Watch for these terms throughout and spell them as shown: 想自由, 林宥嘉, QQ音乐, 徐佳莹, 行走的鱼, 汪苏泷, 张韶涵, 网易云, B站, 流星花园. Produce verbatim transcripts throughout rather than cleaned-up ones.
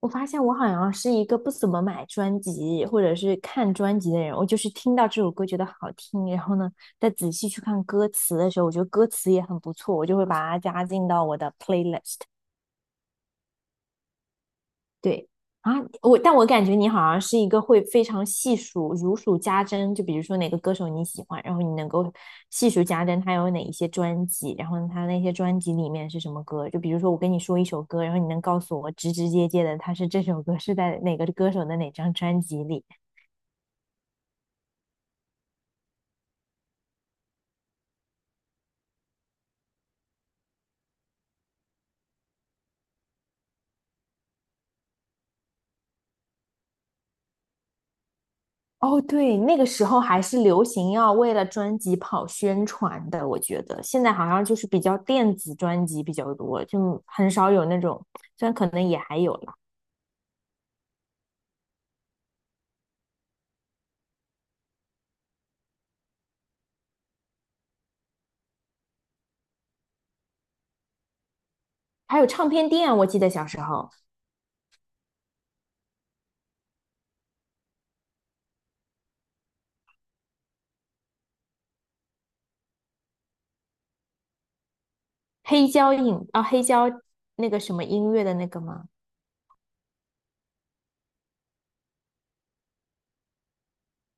我发现我好像是一个不怎么买专辑或者是看专辑的人，我就是听到这首歌觉得好听，然后呢，再仔细去看歌词的时候，我觉得歌词也很不错，我就会把它加进到我的 playlist。对啊，我但我感觉你好像是一个会非常细数、如数家珍，就比如说哪个歌手你喜欢，然后你能够细数家珍他有哪一些专辑，然后他那些专辑里面是什么歌。就比如说我跟你说一首歌，然后你能告诉我直直接接的，他是这首歌是在哪个歌手的哪张专辑里。哦，对，那个时候还是流行要为了专辑跑宣传的，我觉得现在好像就是比较电子专辑比较多，就很少有那种，虽然可能也还有了。还有唱片店啊，我记得小时候黑胶影啊、黑胶那个什么音乐的那个吗？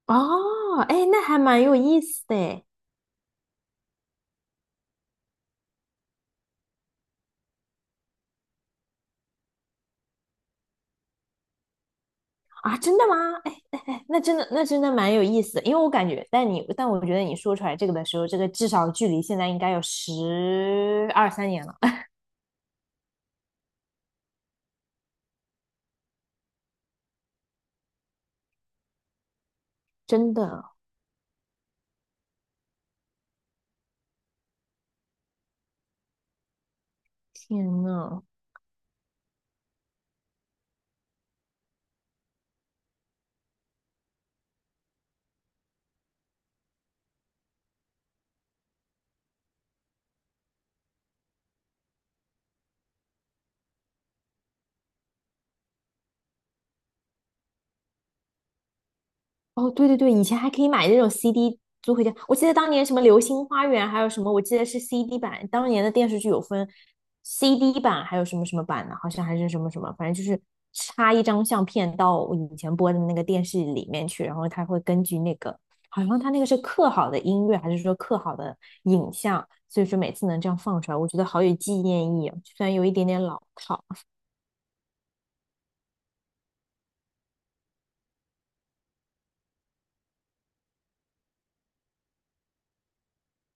哦，哎，那还蛮有意思的哎啊，真的吗？哎哎哎，那真的那真的蛮有意思的，因为我感觉，但你但我觉得你说出来这个的时候，这个至少距离现在应该有十二三年了，哎真的，天呐，哦，对对对，以前还可以买那种 C D 租回家。我记得当年什么《流星花园》，还有什么，我记得是 C D 版。当年的电视剧有分 C D 版，还有什么什么版的，好像还是什么什么，反正就是插一张相片到我以前播的那个电视里面去，然后它会根据那个，好像它那个是刻好的音乐，还是说刻好的影像，所以说每次能这样放出来，我觉得好有纪念意义啊，虽然有一点点老套。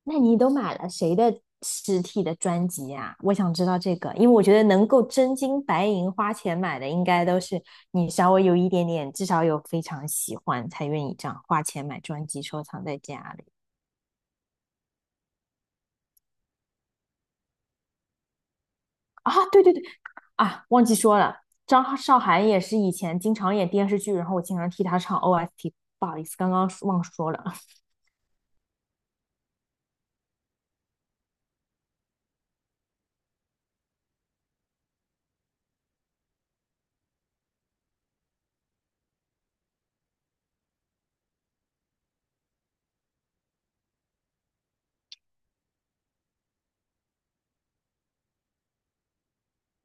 那你都买了谁的实体的专辑啊？我想知道这个，因为我觉得能够真金白银花钱买的，应该都是你稍微有一点点，至少有非常喜欢，才愿意这样花钱买专辑收藏在家里啊。对对对，啊，忘记说了，张韶涵也是以前经常演电视剧，然后我经常替她唱 O S T,不好意思，刚刚忘说了。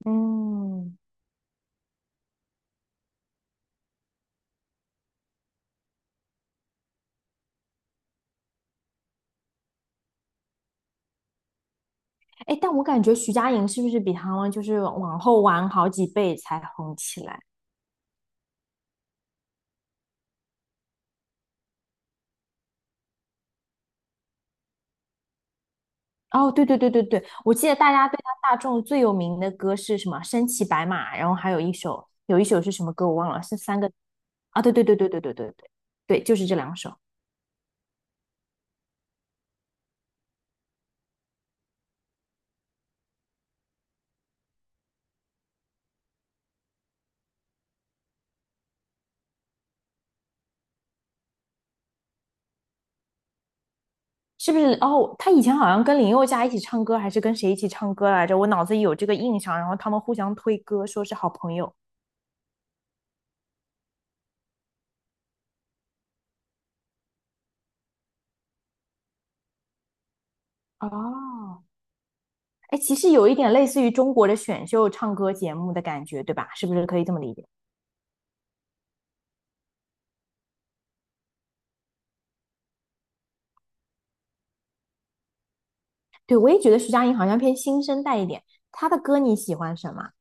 嗯，哎，但我感觉徐佳莹是不是比他们就是往后晚好几倍才红起来？哦，对对对对对，我记得大家对他大众最有名的歌是什么？身骑白马，然后还有一首，有一首是什么歌我忘了，是三个啊？对对对对对对对对对，就是这两首，是不是？哦，他以前好像跟林宥嘉一起唱歌，还是跟谁一起唱歌来着？我脑子里有这个印象，然后他们互相推歌，说是好朋友。哦，哎，其实有一点类似于中国的选秀唱歌节目的感觉，对吧？是不是可以这么理解？对，我也觉得徐佳莹好像偏新生代一点，她的歌你喜欢什么？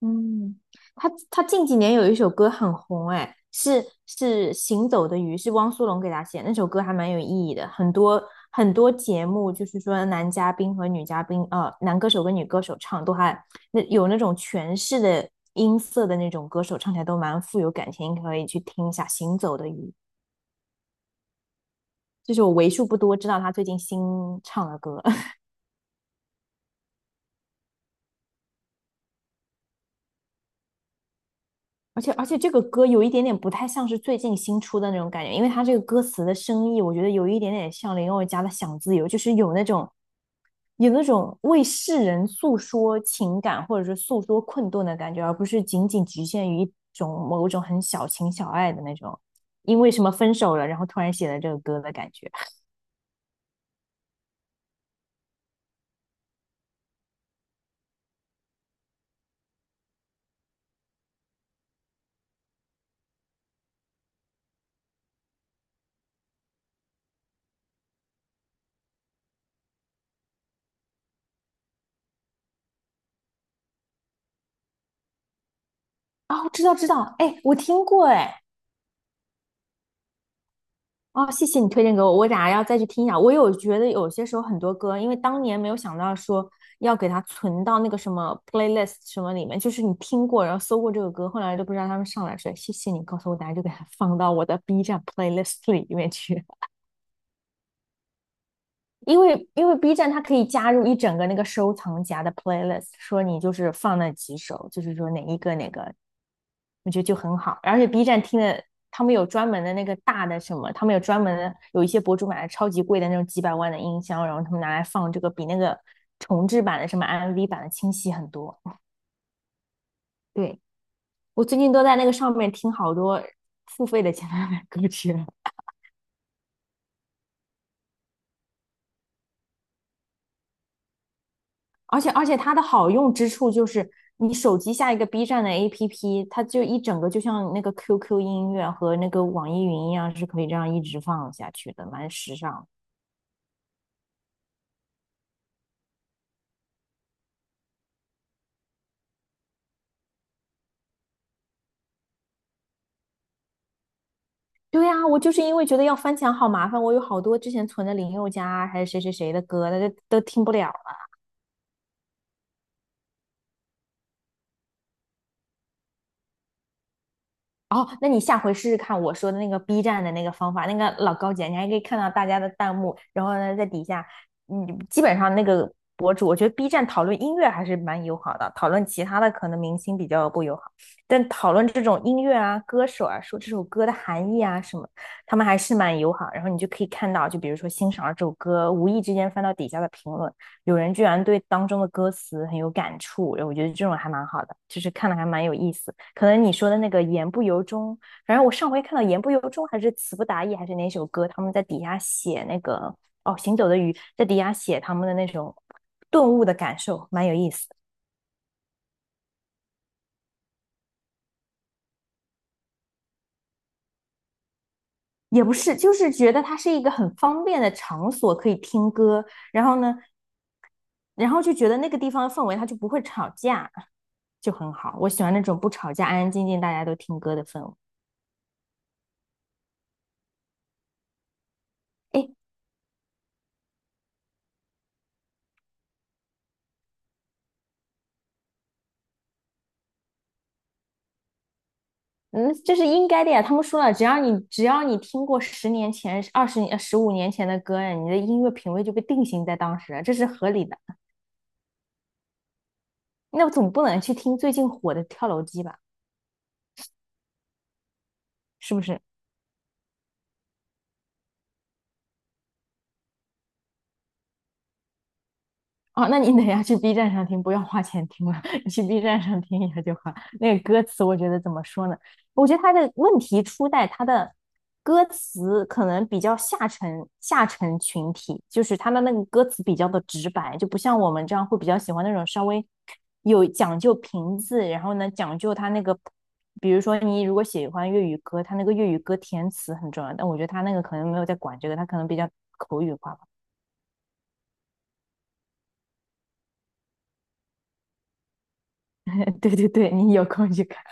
嗯，他他近几年有一首歌很红，哎，是是《行走的鱼》，是汪苏泷给他写的，那首歌还蛮有意义的。很多很多节目就是说男嘉宾和女嘉宾，呃，男歌手跟女歌手唱都还那有那种诠释的音色的那种歌手唱起来都蛮富有感情，可以去听一下《行走的鱼》，这是我为数不多知道他最近新唱的歌。而且而且这个歌有一点点不太像是最近新出的那种感觉，因为它这个歌词的深意，我觉得有一点点像林宥嘉的《想自由》，就是有那种有那种为世人诉说情感或者是诉说困顿的感觉，而不是仅仅局限于一种某种很小情小爱的那种，因为什么分手了，然后突然写了这个歌的感觉。啊，我知道知道，哎，我听过哎，哦，谢谢你推荐给我，我等下要再去听一下。我有觉得有些时候很多歌，因为当年没有想到说要给它存到那个什么 playlist 什么里面，就是你听过，然后搜过这个歌，后来都不知道他们上来谁。谢谢你告诉我，等下就给它放到我的 B 站 playlist 里面去。因为因为 B 站它可以加入一整个那个收藏夹的 playlist,说你就是放那几首，就是说哪一个哪个，我觉得就很好。而且 B 站听的，他们有专门的那个大的什么，他们有专门的，有一些博主买的超级贵的那种几百万的音箱，然后他们拿来放这个，比那个重制版的什么 M V 版的清晰很多。对，我最近都在那个上面听好多付费的前男友歌曲了。而且而且它的好用之处就是，你手机下一个 B 站的 A P P,它就一整个就像那个 Q Q 音乐和那个网易云一样，是可以这样一直放下去的，蛮时尚。对呀，我就是因为觉得要翻墙好麻烦，我有好多之前存的林宥嘉啊还是谁谁谁的歌，大家都听不了。哦，那你下回试试看我说的那个 B 站的那个方法，那个老高姐，你还可以看到大家的弹幕，然后呢，在底下，嗯，基本上那个博主，我觉得 B 站讨论音乐还是蛮友好的，讨论其他的可能明星比较不友好，但讨论这种音乐啊、歌手啊，说这首歌的含义啊什么，他们还是蛮友好。然后你就可以看到，就比如说欣赏了这首歌，无意之间翻到底下的评论。有人居然对当中的歌词很有感触，然后我觉得这种还蛮好的，就是看的还蛮有意思。可能你说的那个言不由衷，反正我上回看到言不由衷还是词不达意还是哪首歌，他们在底下写那个哦行走的鱼，在底下写他们的那种顿悟的感受，蛮有意思。的也不是，就是觉得它是一个很方便的场所，可以听歌，然后呢，然后就觉得那个地方的氛围它就不会吵架，就很好。我喜欢那种不吵架、安安静静大家都听歌的氛围。哎，嗯，这是应该的呀。他们说了，只要你只要你听过十年前、二十年、呃十五年前的歌，你的音乐品味就被定型在当时，这是合理的。那我总不能去听最近火的跳楼机吧？是不是？哦，那你等一下去 B 站上听，不要花钱听了，你去 B 站上听一下就好。那个歌词，我觉得怎么说呢？我觉得他的问题出在他的歌词可能比较下沉，下沉群体，就是他的那个歌词比较的直白，就不像我们这样会比较喜欢那种稍微有讲究平字，然后呢讲究他那个，比如说你如果喜欢粤语歌，他那个粤语歌填词很重要，但我觉得他那个可能没有在管这个，他可能比较口语化吧。对对对，你有空去看。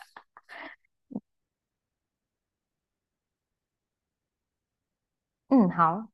嗯，好，